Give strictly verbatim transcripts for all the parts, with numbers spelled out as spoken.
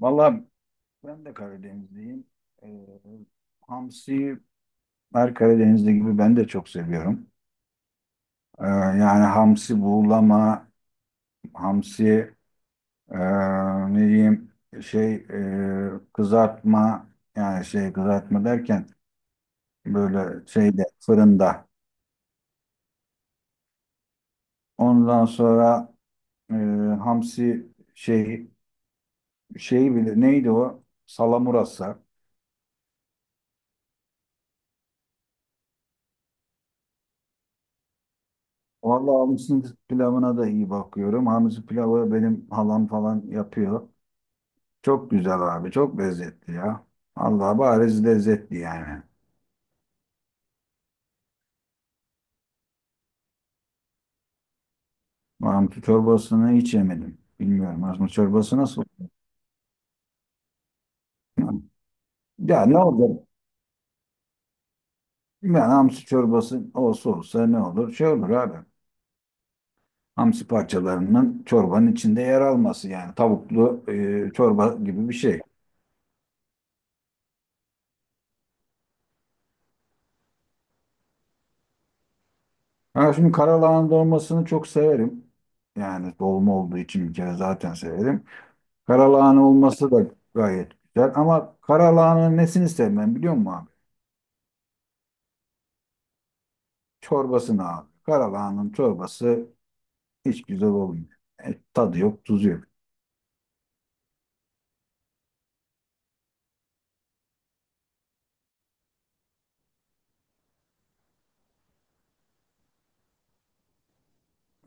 Valla ben de Karadenizliyim. Ee, Hamsi her Karadenizli gibi ben de çok seviyorum. Ee, yani hamsi buğulama, hamsi e, ne diyeyim şey e, kızartma, yani şey kızartma derken böyle şeyde, fırında. Ondan sonra e, hamsi şey şeyi bile neydi o? Salamurası. Vallahi hamsi pilavına da iyi bakıyorum. Hamsi pilavı benim halam falan yapıyor. Çok güzel abi. Çok lezzetli ya. Allah bariz lezzetli yani. Mantı çorbasını hiç yemedim. Bilmiyorum. Mantı çorbası nasıl? Ya ne olur? Yani hamsi çorbası olsa olsa ne olur? Şey olur abi. Hamsi parçalarının çorbanın içinde yer alması, yani tavuklu e, çorba gibi bir şey. Ha şimdi karalahana dolmasını çok severim. Yani dolma olduğu için bir kere zaten severim. Karalahana olması da gayet güzel, ama karalahananın nesini sevmem biliyor musun abi? Çorbasını abi. Karalahanın çorbası hiç güzel olmuyor. E, tadı yok, tuzu yok.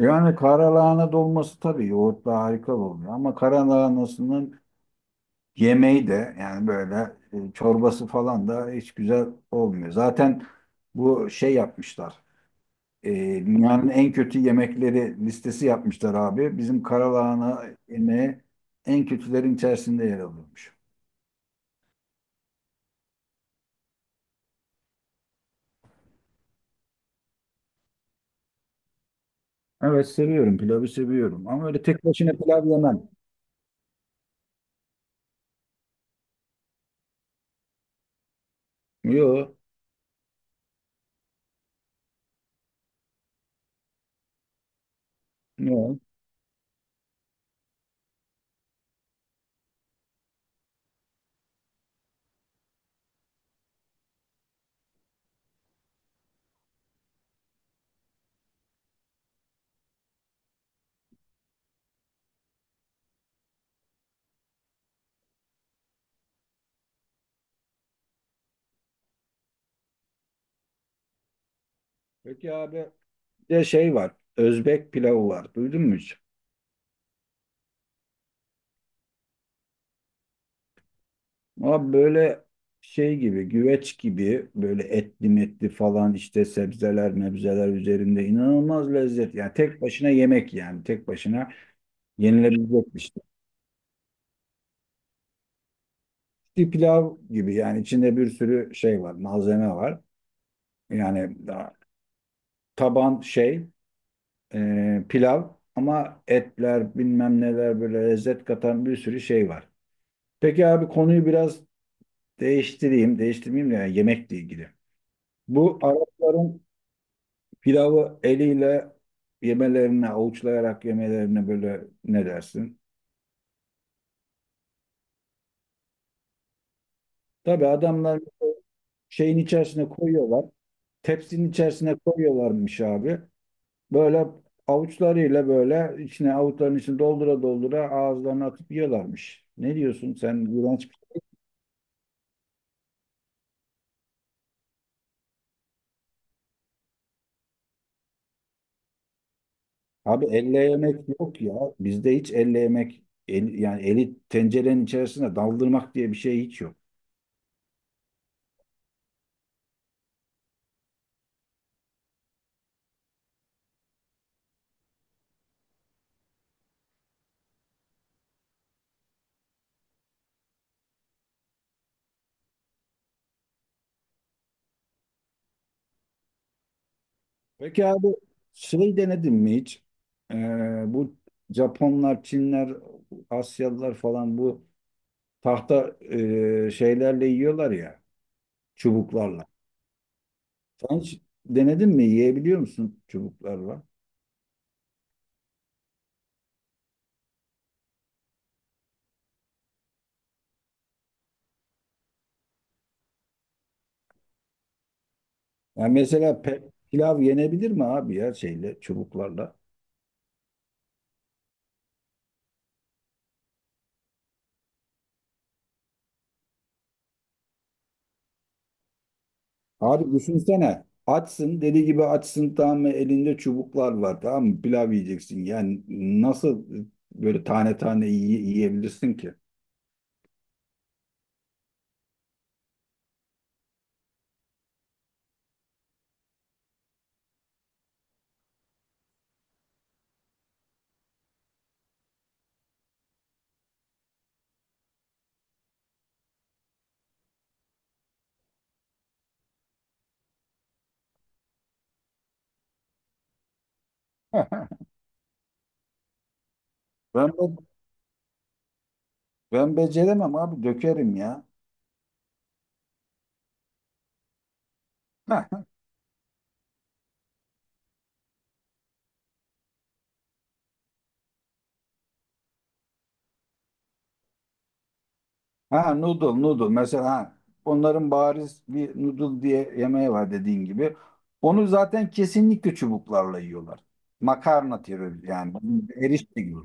Yani karalahana dolması tabii yoğurtla harika oluyor. Ama karalahanasının yemeği de, yani böyle e, çorbası falan da hiç güzel olmuyor. Zaten bu şey yapmışlar. E, Dünyanın en kötü yemekleri listesi yapmışlar abi. Bizim karalahana yemeği en kötülerin içerisinde yer alıyormuş. Evet seviyorum, pilavı seviyorum, ama öyle tek başına pilav yemem. Yok. Yok. Peki abi, bir de şey var. Özbek pilavı var. Duydun mu hiç? Abi böyle şey gibi, güveç gibi, böyle etli metli falan, işte sebzeler mebzeler üzerinde inanılmaz lezzet. Yani tek başına yemek, yani tek başına yenilebilecek bir şey. Bir pilav gibi, yani içinde bir sürü şey var, malzeme var. Yani daha taban şey e, pilav, ama etler bilmem neler, böyle lezzet katan bir sürü şey var. Peki abi, konuyu biraz değiştireyim, değiştirmeyeyim de, yani yemekle ilgili. Bu Arapların pilavı eliyle yemelerini, avuçlayarak yemelerini, böyle ne dersin? Tabii adamlar şeyin içerisine koyuyorlar. Tepsinin içerisine koyuyorlarmış abi. Böyle avuçlarıyla, böyle içine, avuçların içine doldura doldura ağızlarına atıp yiyorlarmış. Ne diyorsun, sen iğrenç bir şey. Abi elle yemek yok ya. Bizde hiç elle yemek el- yani eli tencerenin içerisine daldırmak diye bir şey hiç yok. Peki abi, şey denedin mi hiç? Ee, Bu Japonlar, Çinler, Asyalılar falan bu tahta e, şeylerle yiyorlar ya, çubuklarla. Sen hiç denedin mi? Yiyebiliyor musun çubuklarla? Yani mesela pe- pilav yenebilir mi abi ya, şeyle, çubuklarla? Abi düşünsene, açsın deli gibi, açsın tamam mı, elinde çubuklar var tamam mı, pilav yiyeceksin. Yani nasıl böyle tane tane yiye- yiyebilirsin ki? Ben bu. Ben beceremem abi, dökerim ya. Ha, ha noodle, noodle mesela ha, onların bariz bir noodle diye yemeği var, dediğin gibi. Onu zaten kesinlikle çubuklarla yiyorlar. Makarna türü, yani erişte gibi.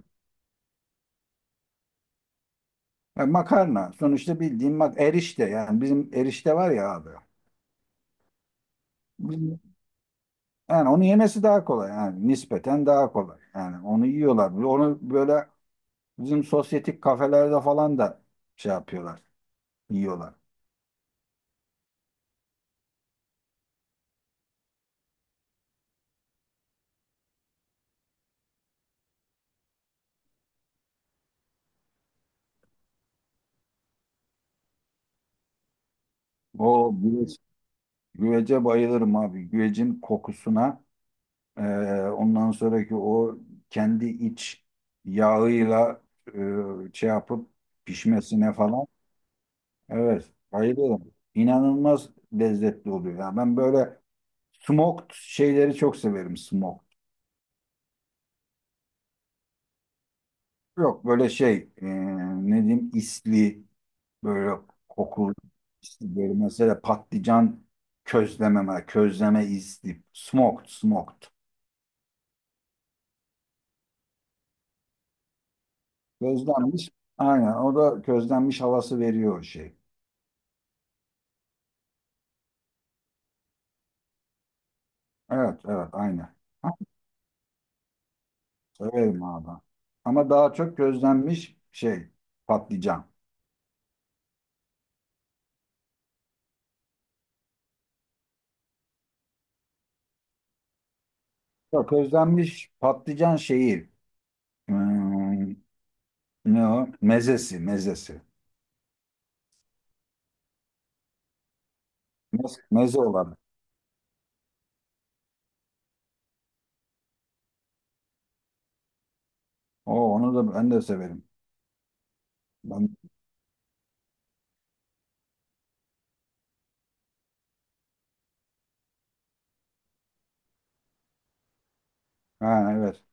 Ha, makarna sonuçta, bildiğin mak erişte, yani bizim erişte var ya abi. Bizim- Yani onu yemesi daha kolay, yani nispeten daha kolay. Yani onu yiyorlar. Onu böyle bizim sosyetik kafelerde falan da şey yapıyorlar, yiyorlar. O, güvece bayılırım abi. Güvecin kokusuna, e, ondan sonraki o kendi iç yağıyla e, şey yapıp pişmesine falan. Evet, bayılırım. İnanılmaz lezzetli oluyor. Ya ben böyle smoked şeyleri çok severim, smoked. Yok böyle şey e, ne diyeyim, isli, böyle kokulu, isli, böyle mesela patlıcan, közleme, közleme, isli, smoked smoked. Közlenmiş. Aynen. O da közlenmiş havası veriyor o şey. Evet, evet, aynen. Ha, severim abi. Ama daha çok közlenmiş şey patlıcan. Yok, közlenmiş patlıcan şeyi. Hmm, ne o? Mezesi, mezesi. Mez, meze olarak. O, onu da ben de severim. Ben, ha, evet.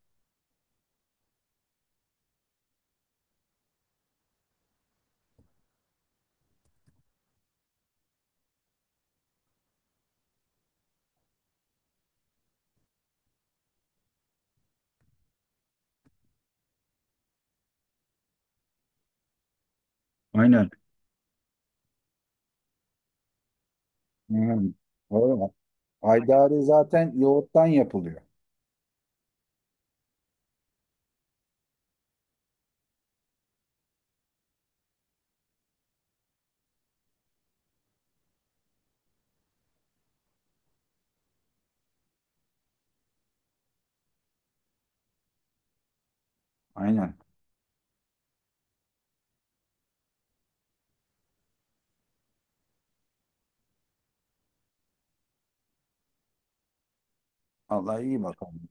Aynen. Aynen. Doğru. Haydari zaten yoğurttan yapılıyor. Aynen. Allah iyi bakalım.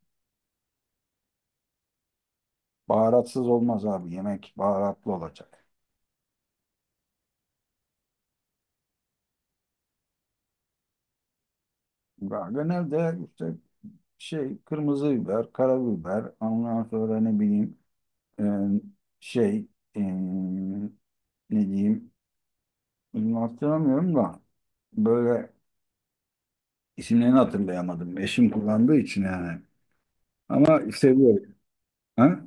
Baharatsız olmaz abi. Yemek baharatlı olacak. Ya genelde işte şey kırmızı biber, karabiber, ondan sonra ne bileyim, e, şey e, ne diyeyim, bunu hatırlamıyorum da, böyle isimlerini hatırlayamadım. Eşim kullandığı için yani. Ama seviyorum. Ha?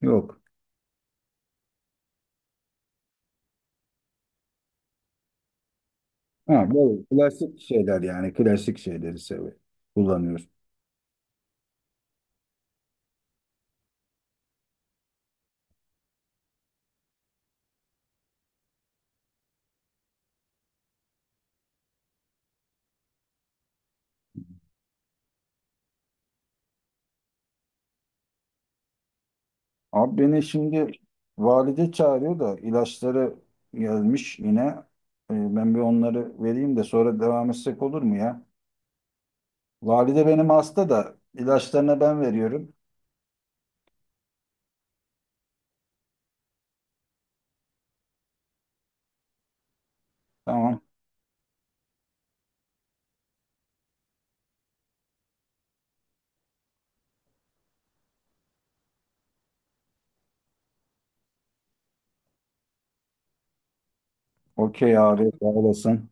Yok. Ha, böyle klasik şeyler, yani klasik şeyleri seviyorum. Kullanıyoruz. Abi beni şimdi valide çağırıyor da, ilaçları gelmiş yine. Ee, Ben bir onları vereyim de sonra devam etsek olur mu ya? Valide benim hasta da, ilaçlarını ben veriyorum. Tamam. Okey abi, sağ olasın.